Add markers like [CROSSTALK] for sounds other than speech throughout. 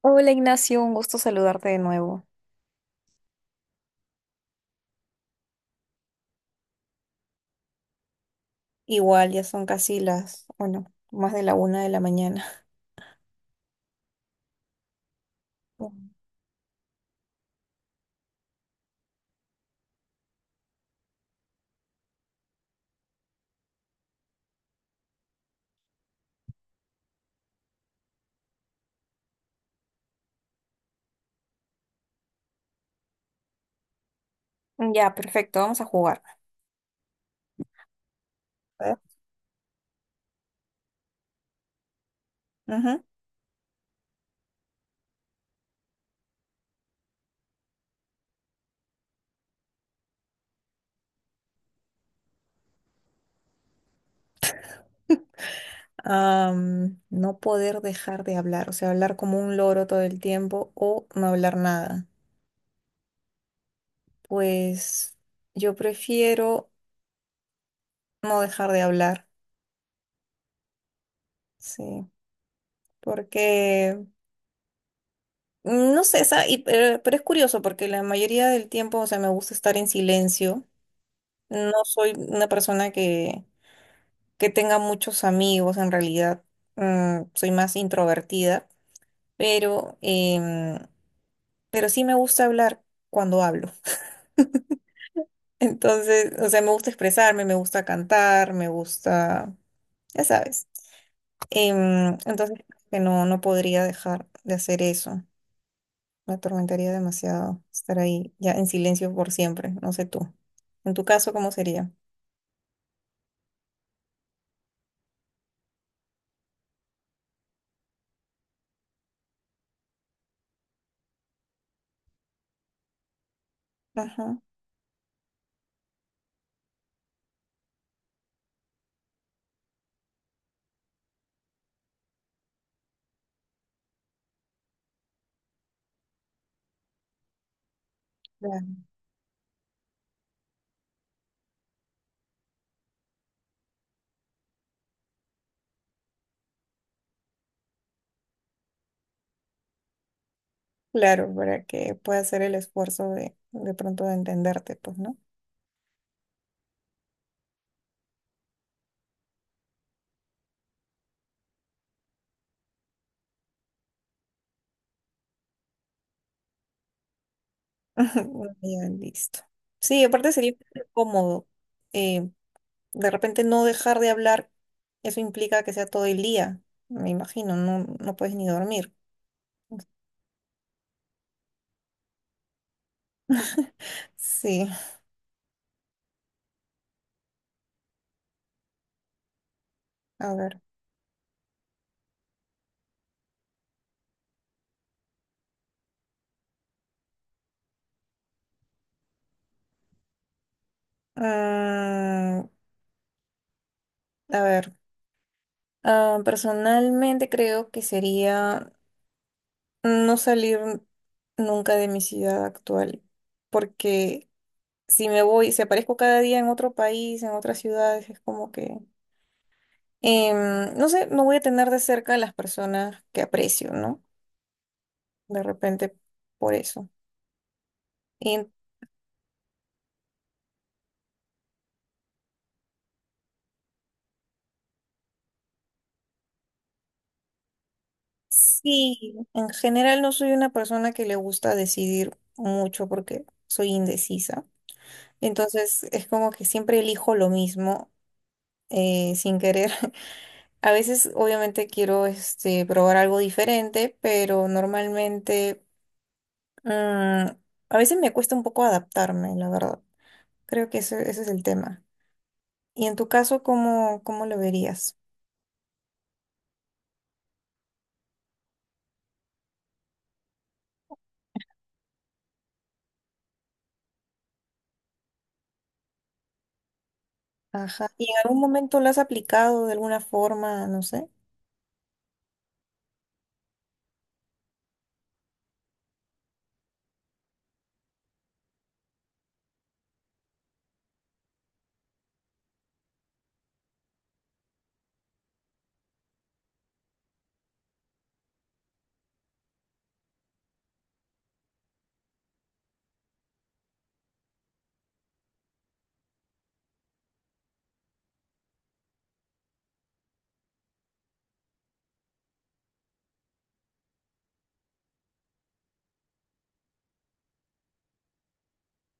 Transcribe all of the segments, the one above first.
Hola Ignacio, un gusto saludarte de nuevo. Igual, ya son casi las, bueno, más de la una de la mañana. Mm. Ya, perfecto, vamos a jugar. A ver. Ujú. No poder dejar de hablar, o sea, hablar como un loro todo el tiempo o no hablar nada. Pues yo prefiero no dejar de hablar, sí, porque, no sé, pero es curioso porque la mayoría del tiempo, o sea, me gusta estar en silencio. No soy una persona que tenga muchos amigos, en realidad soy más introvertida, pero, pero sí me gusta hablar cuando hablo. [LAUGHS] Entonces, o sea, me gusta expresarme, me gusta cantar, me gusta, ya sabes. Entonces, que no, no podría dejar de hacer eso. Me atormentaría demasiado estar ahí ya en silencio por siempre, no sé tú. En tu caso, ¿cómo sería? Ajá. Claro, claro, para que pueda hacer el esfuerzo de pronto de entenderte, pues, ¿no? [LAUGHS] Ajá, bueno, ya, listo. Sí, aparte sería cómodo. Eh, de repente no dejar de hablar, eso implica que sea todo el día, me imagino, no, no puedes ni dormir. Sí, a ver. Mm, a ver. Ah, personalmente creo que sería no salir nunca de mi ciudad actual, porque si me voy, si aparezco cada día en otro país, en otras ciudades, es como que no sé, no voy a tener de cerca a las personas que aprecio, ¿no? De repente por eso. En- sí, en general no soy una persona que le gusta decidir mucho porque soy indecisa. Entonces es como que siempre elijo lo mismo sin querer. [LAUGHS] A veces obviamente quiero este, probar algo diferente, pero normalmente mm, a veces me cuesta un poco adaptarme, la verdad. Creo que ese es el tema. Y en tu caso, ¿cómo, cómo lo verías? Ajá. ¿Y en algún momento lo has aplicado de alguna forma? No sé.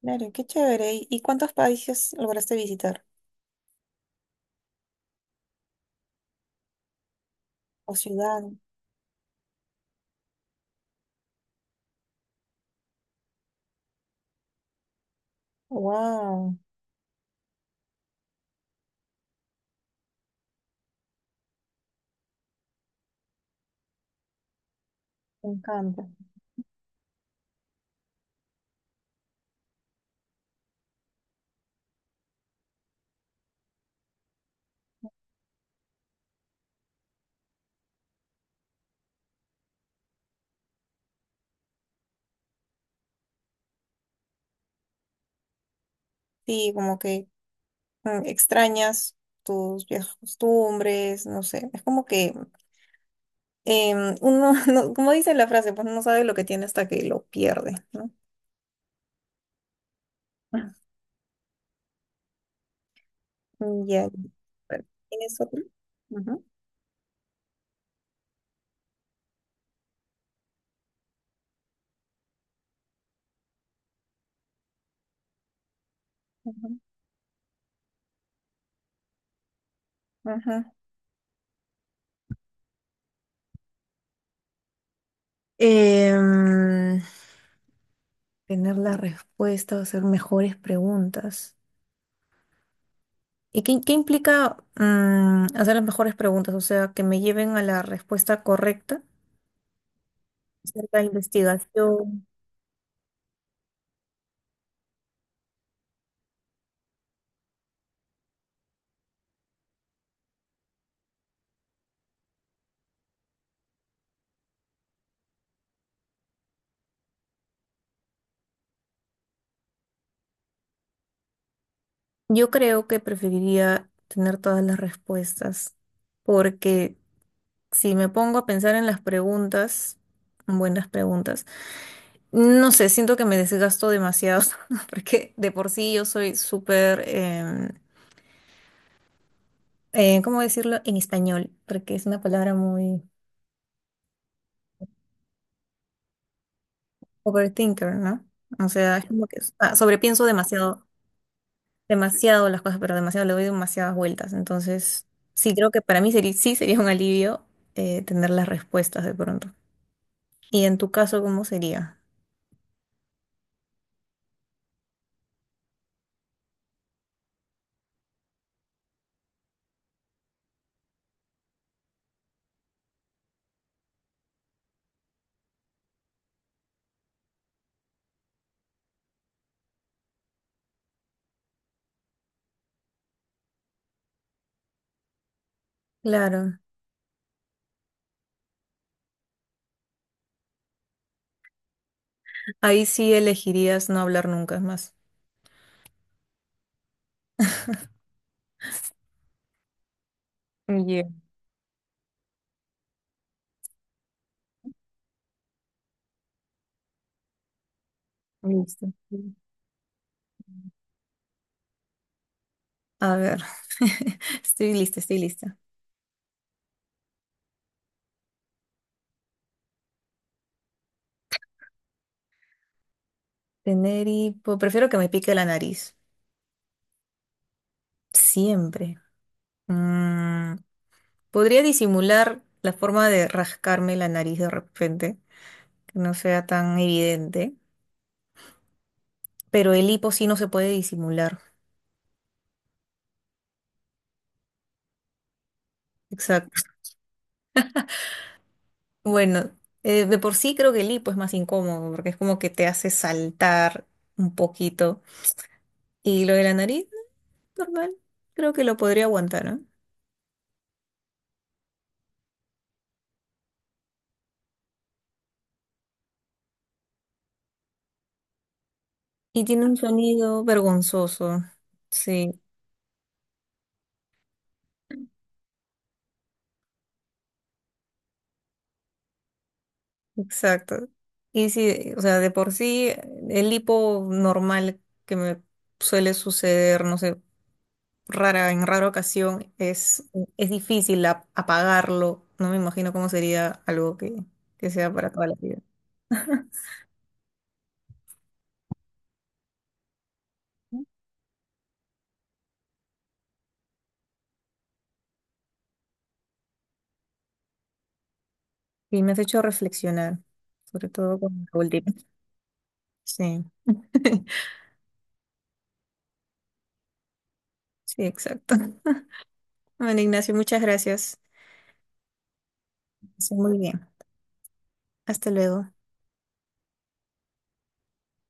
Claro, qué chévere. ¿Y cuántos países lograste visitar? ¿O ciudad? Wow, me encanta. Sí, como que extrañas tus viejas costumbres, no sé. Es como que uno, [LAUGHS] como dice la frase, pues no sabe lo que tiene hasta que lo pierde, ¿no? [LAUGHS] Mm. Ya. Bueno, ¿tienes otro? Ujú, ujú, ujú. Em, Tener la respuesta o hacer mejores preguntas. ¿Y qué, qué implica hacer las mejores preguntas? O sea, que me lleven a la respuesta correcta acerca de investigación. Yo creo que preferiría tener todas las respuestas, porque si me pongo a pensar en las preguntas, buenas preguntas, no sé, siento que me desgasto demasiado, [LAUGHS] porque de por sí yo soy súper, ¿cómo decirlo en español? Porque es una palabra muy overthinker, ¿no? O sea, es como que ah, sobrepienso demasiado, demasiado las cosas, pero demasiado le doy demasiadas vueltas. Entonces, sí, creo que para mí sería, sí sería un alivio tener las respuestas de pronto. ¿Y en tu caso, cómo sería? Claro. Ahí sí elegirías no hablar nunca más. Yeah, listo. A ver, [LAUGHS] estoy lista, estoy lista. Tener hipo, prefiero que me pique la nariz. Siempre. Mm, podría disimular la forma de rascarme la nariz de repente, que no sea tan evidente, pero el hipo sí no se puede disimular. Exacto. Bueno, de por sí creo que el hipo es más incómodo, porque es como que te hace saltar un poquito. Y lo de la nariz, normal, creo que lo podría aguantar, ¿no? Y tiene un sonido vergonzoso. Sí, exacto. Y sí, o sea, de por sí, el hipo normal que me suele suceder, no sé rara, en rara ocasión, es difícil apagarlo. No me imagino cómo sería algo que sea para toda la vida. Y me has hecho reflexionar, sobre todo con la última. Sí, [LAUGHS] sí, exacto. [LAUGHS] Bueno, Ignacio, muchas gracias. Sí, muy bien. Hasta luego.